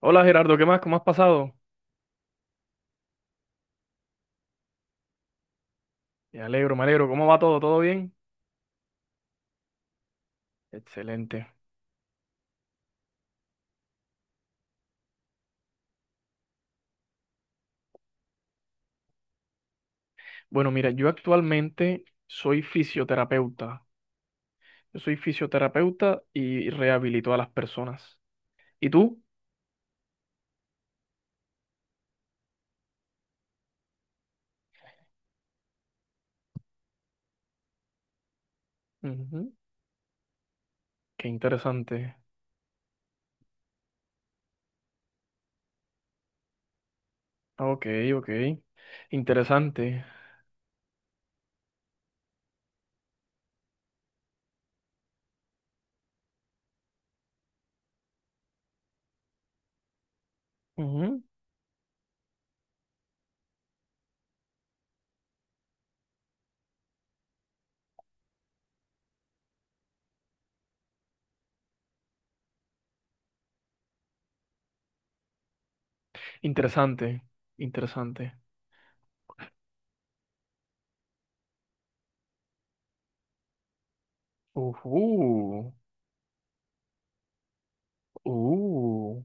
Hola Gerardo, ¿qué más? ¿Cómo has pasado? Me alegro, me alegro. ¿Cómo va todo? ¿Todo bien? Excelente. Bueno, mira, yo actualmente soy fisioterapeuta. Yo soy fisioterapeuta y rehabilito a las personas. ¿Y tú? Ujú. Qué interesante. Ok, ok. Interesante. Ujú. Interesante. Interesante. Ujú. uh,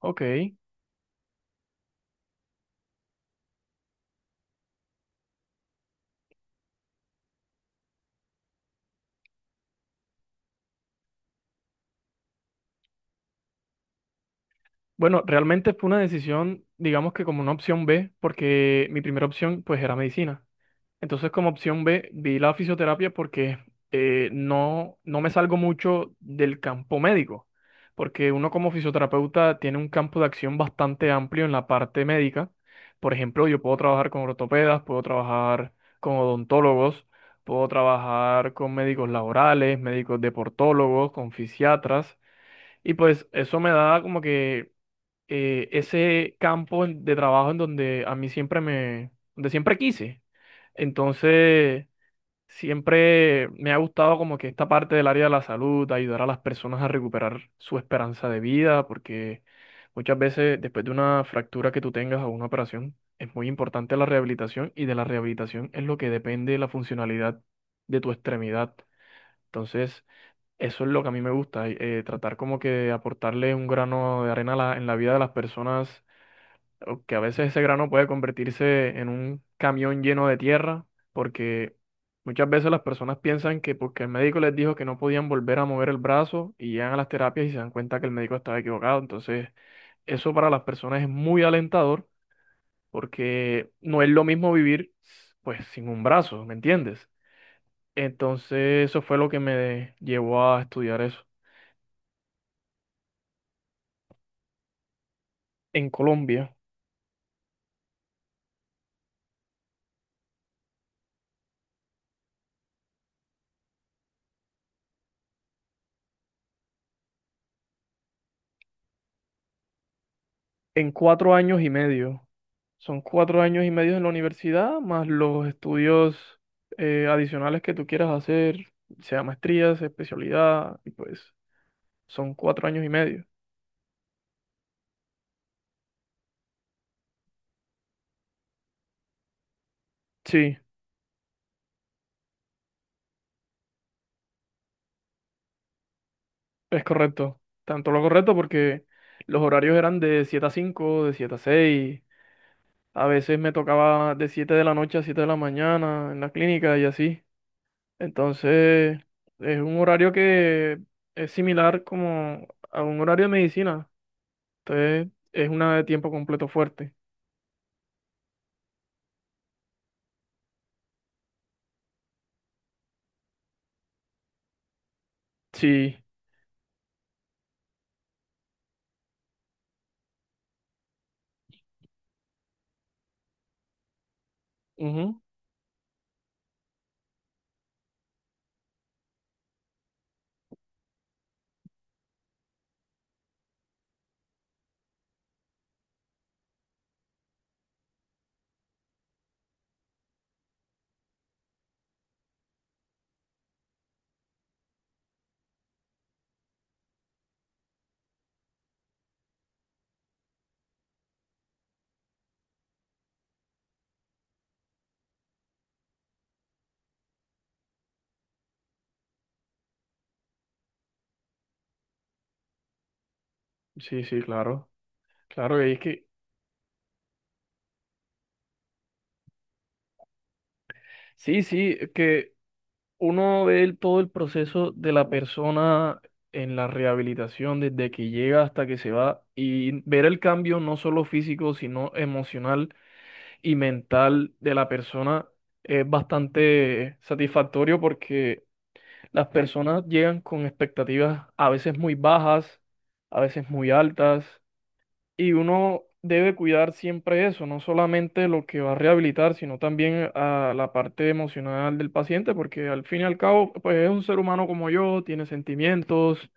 ok. Bueno, realmente fue una decisión, digamos que como una opción B, porque mi primera opción pues era medicina. Entonces, como opción B, vi la fisioterapia porque no, no me salgo mucho del campo médico, porque uno como fisioterapeuta tiene un campo de acción bastante amplio en la parte médica. Por ejemplo, yo puedo trabajar con ortopedas, puedo trabajar con odontólogos, puedo trabajar con médicos laborales, médicos deportólogos, con fisiatras, y pues eso me da como que ese campo de trabajo en donde a mí siempre me, donde siempre quise. Entonces, siempre me ha gustado como que esta parte del área de la salud, ayudar a las personas a recuperar su esperanza de vida, porque muchas veces después de una fractura que tú tengas o una operación, es muy importante la rehabilitación y de la rehabilitación es lo que depende la funcionalidad de tu extremidad. Entonces, eso es lo que a mí me gusta, tratar como que de aportarle un grano de arena a en la vida de las personas o que a veces ese grano puede convertirse en un camión lleno de tierra, porque muchas veces las personas piensan que porque el médico les dijo que no podían volver a mover el brazo y llegan a las terapias y se dan cuenta que el médico estaba equivocado. Entonces, eso para las personas es muy alentador porque no es lo mismo vivir pues sin un brazo, ¿me entiendes? Entonces, eso fue lo que me llevó a estudiar eso en Colombia. En cuatro años y medio. Son cuatro años y medio en la universidad, más los estudios adicionales que tú quieras hacer, sea maestría, sea especialidad, y pues son cuatro años y medio. Sí, es correcto. Tanto lo correcto porque los horarios eran de 7 a 5, de 7 a 6. A veces me tocaba de 7 de la noche a 7 de la mañana en la clínica y así. Entonces, es un horario que es similar como a un horario de medicina. Entonces, es una de tiempo completo fuerte. Sí, ujú. Sí, sí, claro. Claro, y es que sí, sí, es que uno ve todo el proceso de la persona en la rehabilitación, desde que llega hasta que se va, y ver el cambio no solo físico, sino emocional y mental de la persona es bastante satisfactorio porque las personas llegan con expectativas a veces muy bajas, a veces muy altas. Y uno debe cuidar siempre eso, no solamente lo que va a rehabilitar, sino también a la parte emocional del paciente, porque al fin y al cabo, pues es un ser humano como yo, tiene sentimientos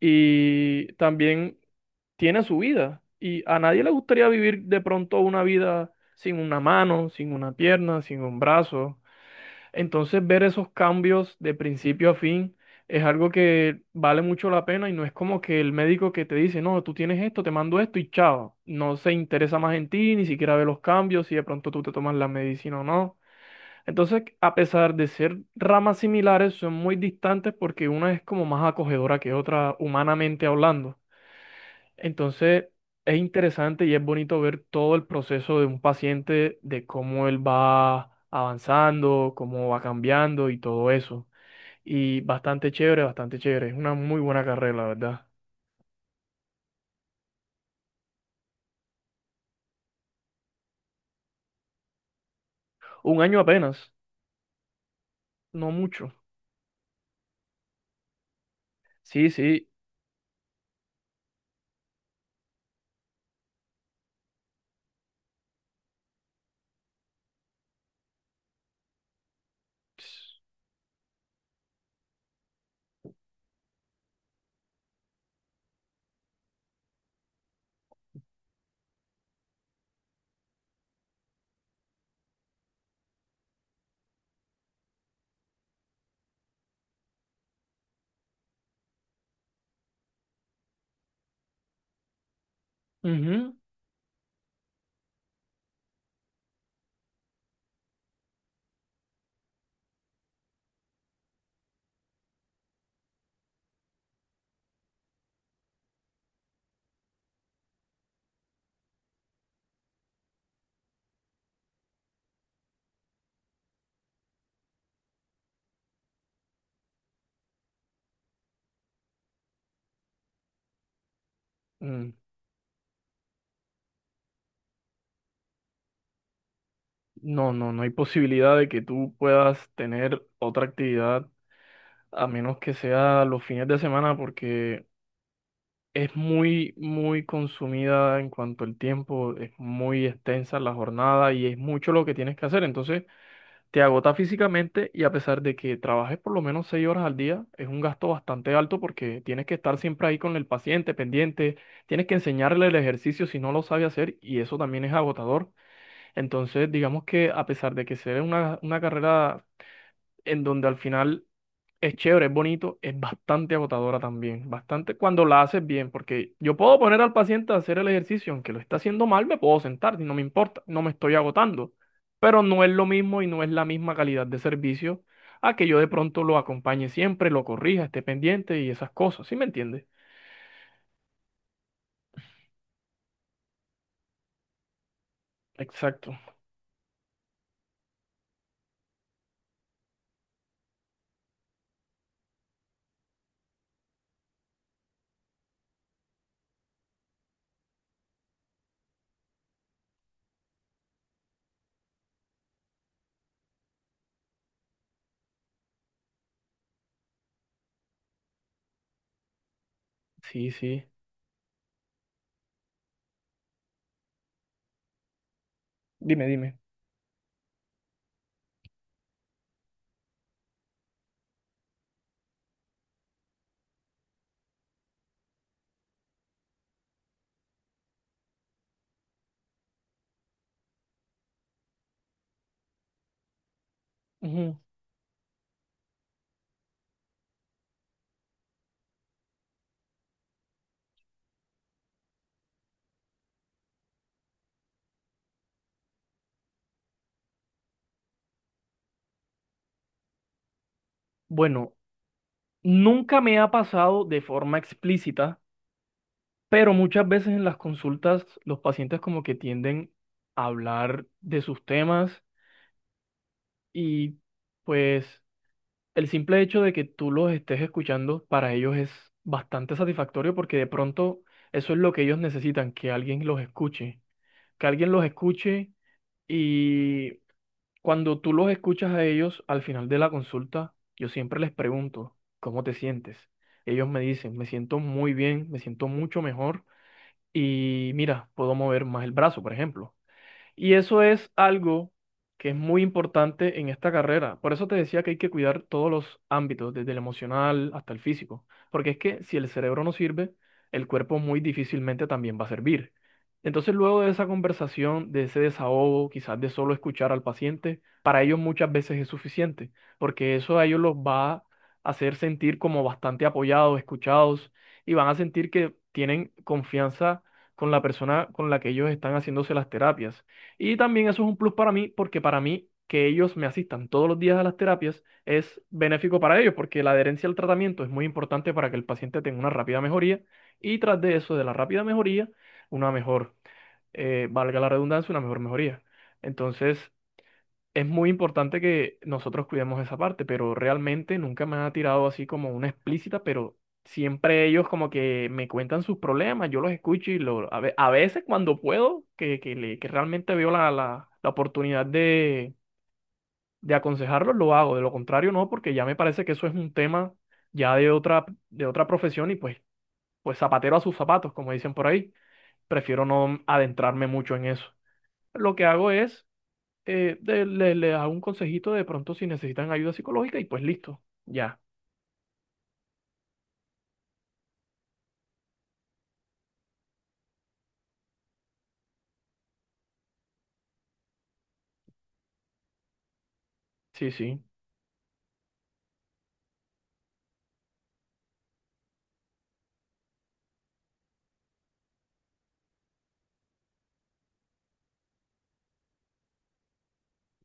y también tiene su vida. Y a nadie le gustaría vivir de pronto una vida sin una mano, sin una pierna, sin un brazo. Entonces, ver esos cambios de principio a fin es algo que vale mucho la pena y no es como que el médico que te dice, no, tú tienes esto, te mando esto y chao. No se interesa más en ti, ni siquiera ve los cambios, si de pronto tú te tomas la medicina o no. Entonces, a pesar de ser ramas similares, son muy distantes porque una es como más acogedora que otra, humanamente hablando. Entonces, es interesante y es bonito ver todo el proceso de un paciente, de cómo él va avanzando, cómo va cambiando y todo eso. Y bastante chévere, bastante chévere. Es una muy buena carrera, la verdad. Un año apenas, no mucho. Sí, sí. ps- ujú. mm, No, no, no hay posibilidad de que tú puedas tener otra actividad a menos que sea los fines de semana porque es muy, muy consumida en cuanto al tiempo, es muy extensa la jornada y es mucho lo que tienes que hacer. Entonces, te agota físicamente y a pesar de que trabajes por lo menos seis horas al día, es un gasto bastante alto porque tienes que estar siempre ahí con el paciente pendiente, tienes que enseñarle el ejercicio si no lo sabe hacer y eso también es agotador. Entonces, digamos que a pesar de que sea una carrera en donde al final es chévere, es bonito, es bastante agotadora también, bastante cuando la haces bien, porque yo puedo poner al paciente a hacer el ejercicio, aunque lo está haciendo mal, me puedo sentar y no me importa, no me estoy agotando, pero no es lo mismo y no es la misma calidad de servicio a que yo de pronto lo acompañe siempre, lo corrija, esté pendiente y esas cosas, ¿sí me entiendes? Exacto, sí, sí, dime, dime. Ujú. Bueno, nunca me ha pasado de forma explícita, pero muchas veces en las consultas los pacientes como que tienden a hablar de sus temas y pues el simple hecho de que tú los estés escuchando para ellos es bastante satisfactorio porque de pronto eso es lo que ellos necesitan, que alguien los escuche, que alguien los escuche y cuando tú los escuchas a ellos al final de la consulta, yo siempre les pregunto, ¿cómo te sientes? Ellos me dicen, me siento muy bien, me siento mucho mejor. Y mira, puedo mover más el brazo, por ejemplo. Y eso es algo que es muy importante en esta carrera. Por eso te decía que hay que cuidar todos los ámbitos, desde el emocional hasta el físico. Porque es que si el cerebro no sirve, el cuerpo muy difícilmente también va a servir. Entonces, luego de esa conversación, de ese desahogo, quizás de solo escuchar al paciente, para ellos muchas veces es suficiente, porque eso a ellos los va a hacer sentir como bastante apoyados, escuchados, y van a sentir que tienen confianza con la persona con la que ellos están haciéndose las terapias. Y también eso es un plus para mí, porque para mí que ellos me asistan todos los días a las terapias es benéfico para ellos, porque la adherencia al tratamiento es muy importante para que el paciente tenga una rápida mejoría y tras de eso, de la rápida mejoría, una mejor, valga la redundancia, una mejor mejoría. Entonces, es muy importante que nosotros cuidemos esa parte, pero realmente nunca me ha tirado así como una explícita, pero siempre ellos como que me cuentan sus problemas, yo los escucho a veces cuando puedo, que realmente veo la oportunidad de aconsejarlos, lo hago, de lo contrario no, porque ya me parece que eso es un tema ya de otra profesión y pues zapatero a sus zapatos, como dicen por ahí, prefiero no adentrarme mucho en eso. Lo que hago es le da un consejito de pronto si necesitan ayuda psicológica y pues listo, ya. Sí, sí.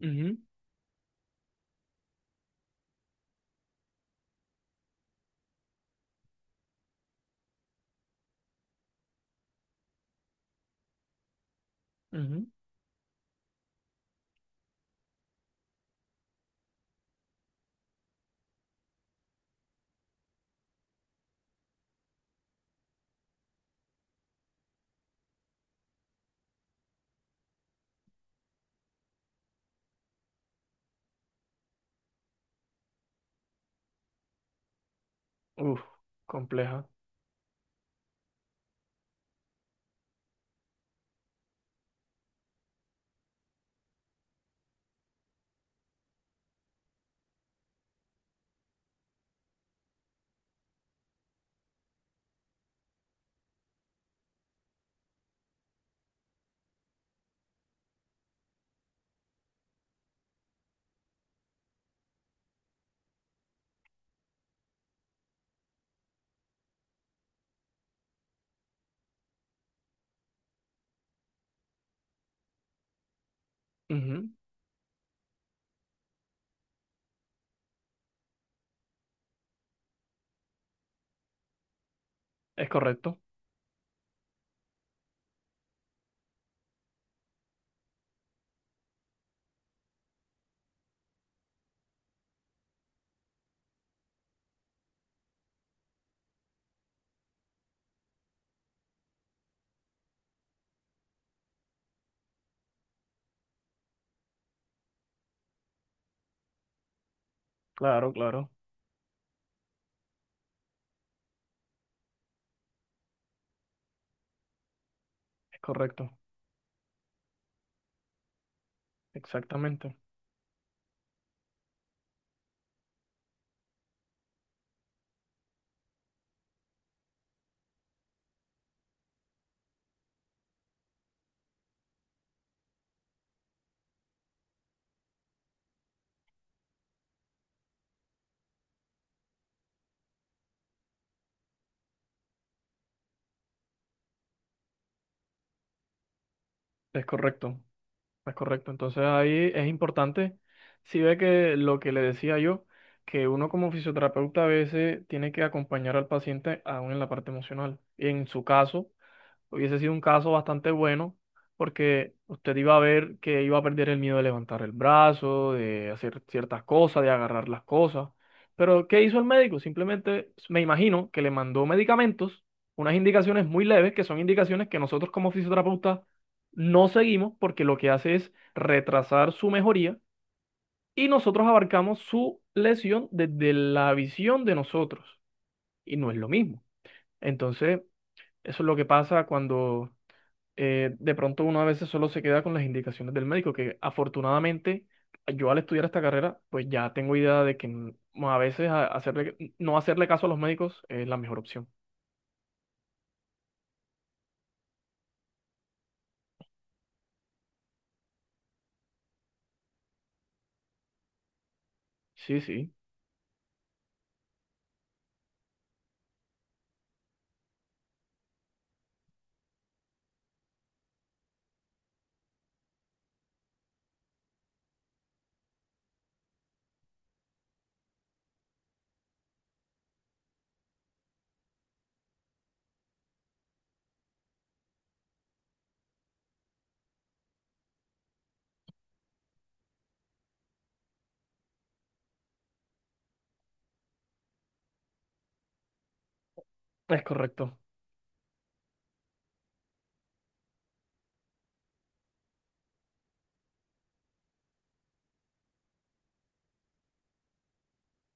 Ujú, ujú. Uf, compleja. Ujú. Es correcto. Claro, claro. Es correcto. Exactamente. Es correcto. Es correcto. Entonces ahí es importante, si ve que lo que le decía yo, que uno como fisioterapeuta a veces tiene que acompañar al paciente aún en la parte emocional. Y en su caso, hubiese sido un caso bastante bueno porque usted iba a ver que iba a perder el miedo de levantar el brazo, de hacer ciertas cosas, de agarrar las cosas. Pero ¿qué hizo el médico? Simplemente me imagino que le mandó medicamentos, unas indicaciones muy leves, que son indicaciones que nosotros como fisioterapeutas no seguimos porque lo que hace es retrasar su mejoría y nosotros abarcamos su lesión desde la visión de nosotros y no es lo mismo. Entonces, eso es lo que pasa cuando de pronto uno a veces solo se queda con las indicaciones del médico, que afortunadamente yo al estudiar esta carrera, pues ya tengo idea de que a veces hacerle, no hacerle caso a los médicos es la mejor opción. Sí, sí, es correcto,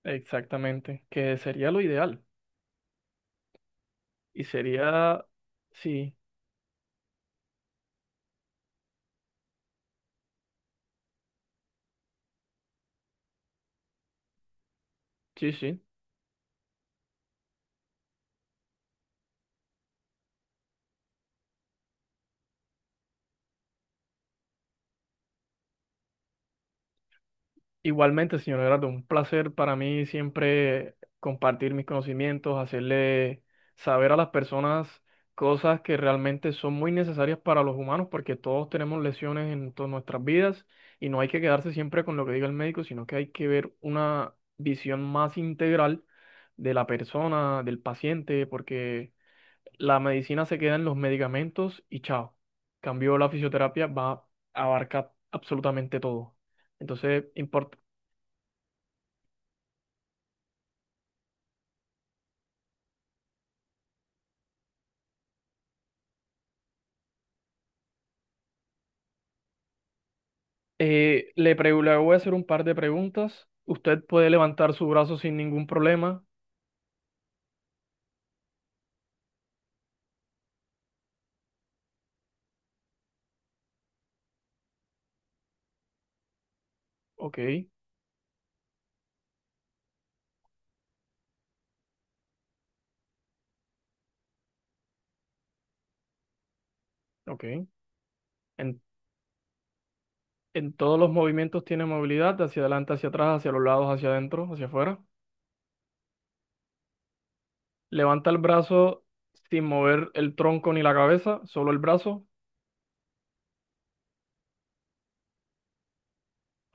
exactamente, que sería lo ideal y sería, sí, sí, sí. Igualmente, señor Gerardo, un placer para mí siempre compartir mis conocimientos, hacerle saber a las personas cosas que realmente son muy necesarias para los humanos, porque todos tenemos lesiones en todas nuestras vidas y no hay que quedarse siempre con lo que diga el médico, sino que hay que ver una visión más integral de la persona, del paciente, porque la medicina se queda en los medicamentos y chao. Cambio la fisioterapia va a abarcar absolutamente todo. Entonces, importa le voy a hacer un par de preguntas. Usted puede levantar su brazo sin ningún problema. Ok, ok. En, en todos los movimientos tiene movilidad, hacia adelante, hacia atrás, hacia los lados, hacia adentro, hacia afuera. Levanta el brazo sin mover el tronco ni la cabeza, solo el brazo.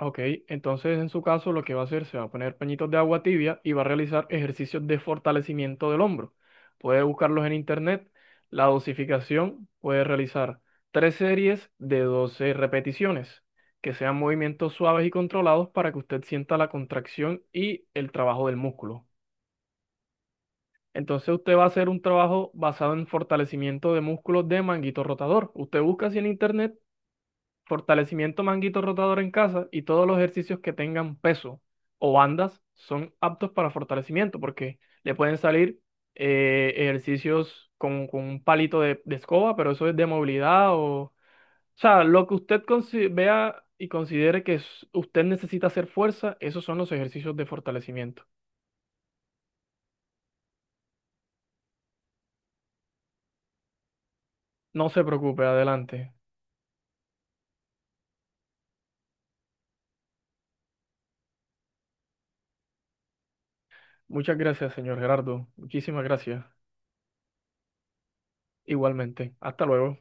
Ok, entonces en su caso lo que va a hacer se va a poner pañitos de agua tibia y va a realizar ejercicios de fortalecimiento del hombro. Puede buscarlos en internet. La dosificación puede realizar tres series de 12 repeticiones, que sean movimientos suaves y controlados para que usted sienta la contracción y el trabajo del músculo. Entonces usted va a hacer un trabajo basado en fortalecimiento de músculos de manguito rotador. Usted busca así en internet fortalecimiento manguito rotador en casa y todos los ejercicios que tengan peso o bandas son aptos para fortalecimiento porque le pueden salir ejercicios con un palito de escoba, pero eso es de movilidad o... O sea, lo que usted vea y considere que usted necesita hacer fuerza, esos son los ejercicios de fortalecimiento. No se preocupe, adelante. Muchas gracias, señor Gerardo. Muchísimas gracias. Igualmente. Hasta luego.